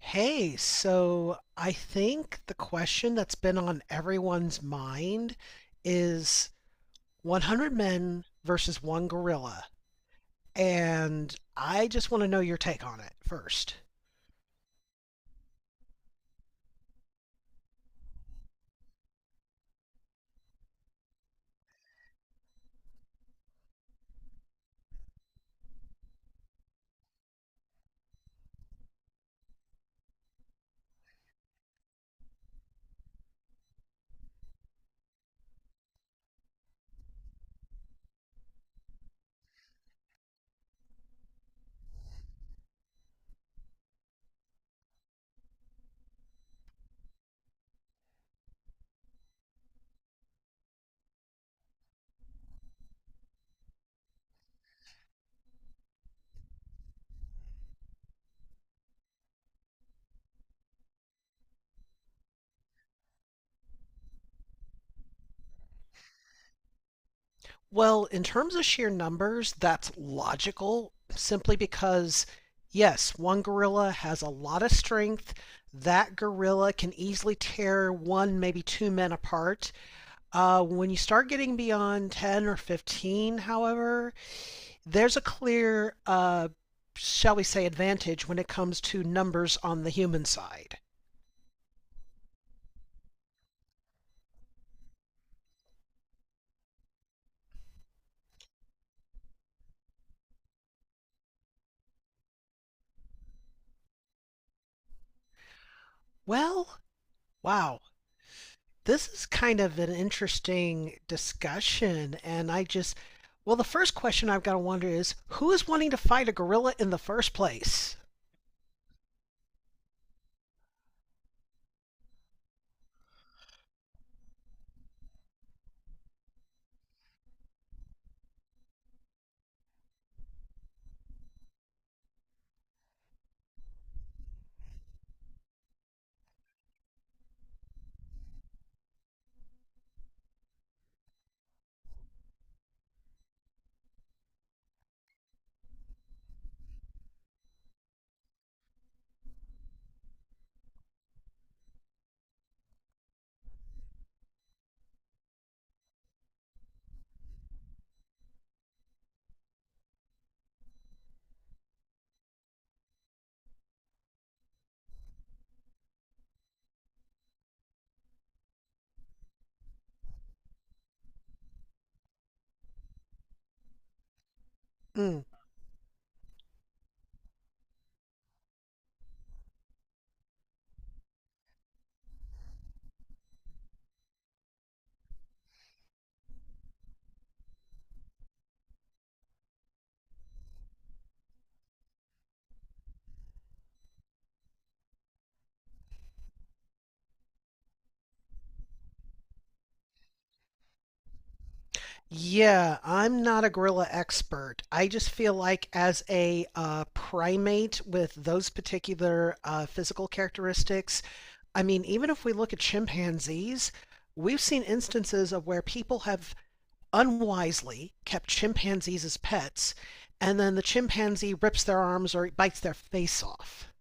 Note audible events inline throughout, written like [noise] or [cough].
Hey, so I think the question that's been on everyone's mind is 100 men versus one gorilla. And I just want to know your take on it first. Well, in terms of sheer numbers, that's logical simply because, yes, one gorilla has a lot of strength. That gorilla can easily tear one, maybe two men apart. When you start getting beyond 10 or 15, however, there's a clear, shall we say, advantage when it comes to numbers on the human side. Well, wow, this is kind of an interesting discussion, and well, the first question I've got to wonder is, who is wanting to fight a gorilla in the first place? Mm. Yeah, I'm not a gorilla expert. I just feel like as a primate with those particular physical characteristics, I mean, even if we look at chimpanzees, we've seen instances of where people have unwisely kept chimpanzees as pets, and then the chimpanzee rips their arms or bites their face off. [laughs]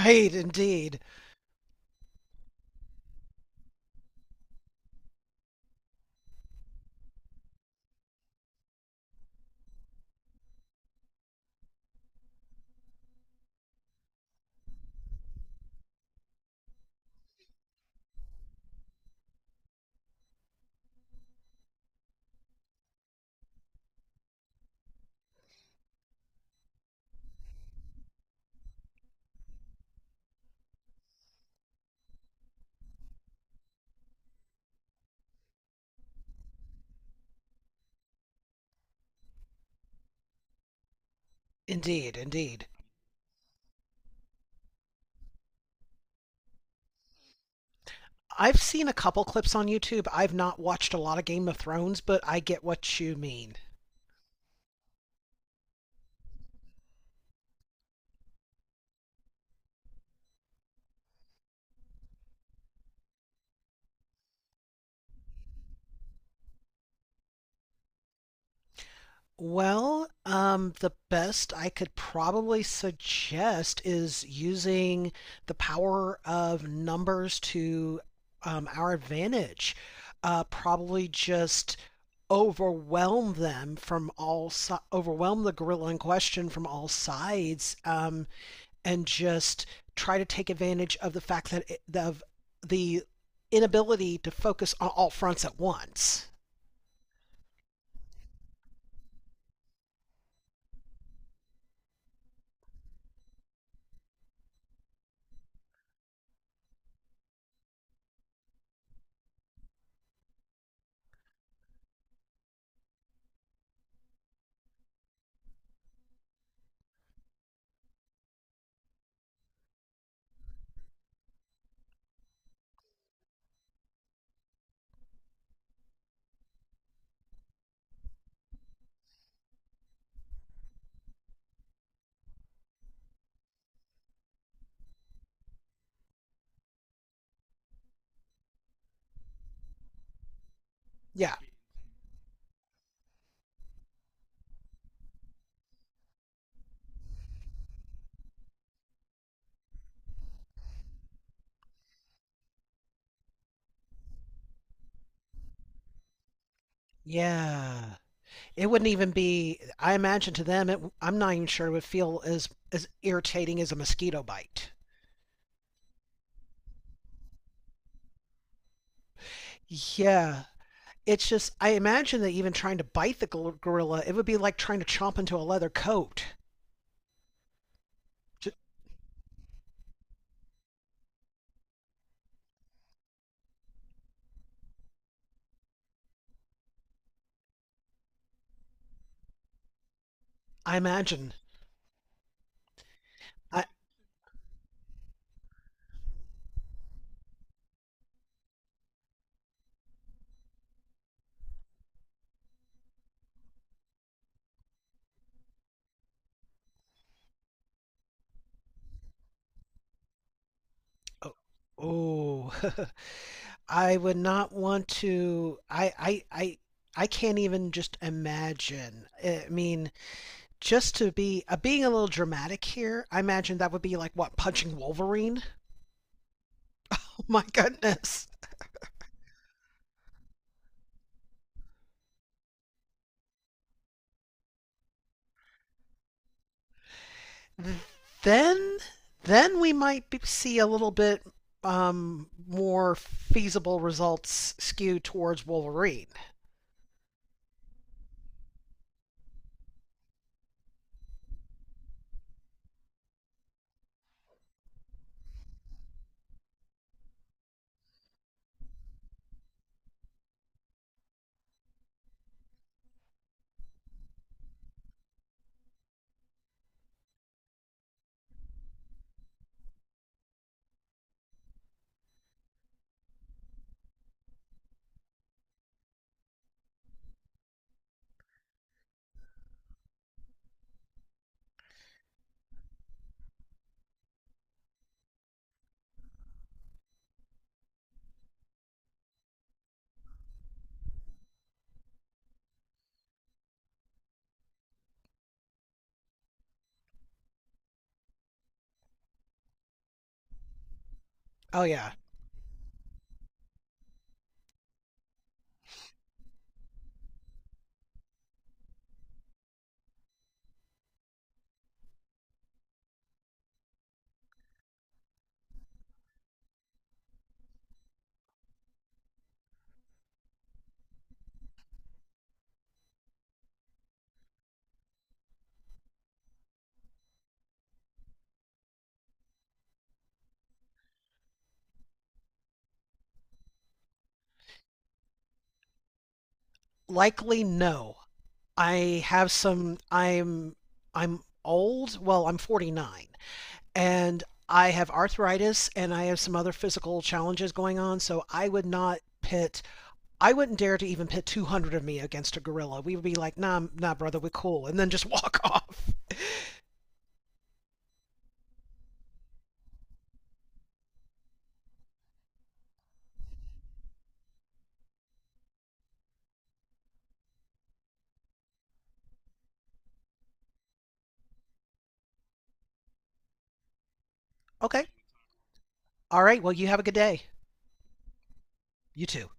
Right, indeed. Indeed, indeed. I've seen a couple clips on YouTube. I've not watched a lot of Game of Thrones, but I get what you mean. Well, the best I could probably suggest is using the power of numbers to our advantage. Probably just overwhelm the gorilla in question from all sides, and just try to take advantage of the fact that it, of the inability to focus on all fronts at once. Yeah, yeah. It wouldn't even be, I imagine, to them, I'm not even sure it would feel as irritating as a mosquito bite. Yeah, it's just, I imagine that even trying to bite the gorilla, it would be like trying to chomp into a leather coat. J- I imagine I Oh, oh. [laughs] I would not want to. I can't even just imagine. I mean, just to be being a little dramatic here, I imagine that would be like what, punching Wolverine? [laughs] Oh my goodness. Then then we might be, see a little bit more feasible results skew towards Wolverine. Oh yeah, likely no. I have some. I'm old. Well, I'm 49, and I have arthritis, and I have some other physical challenges going on. So I would not pit. I wouldn't dare to even pit 200 of me against a gorilla. We would be like, nah, nah, brother, we're cool, and then just walk off. [laughs] Okay. All right. Well, you have a good day. You too.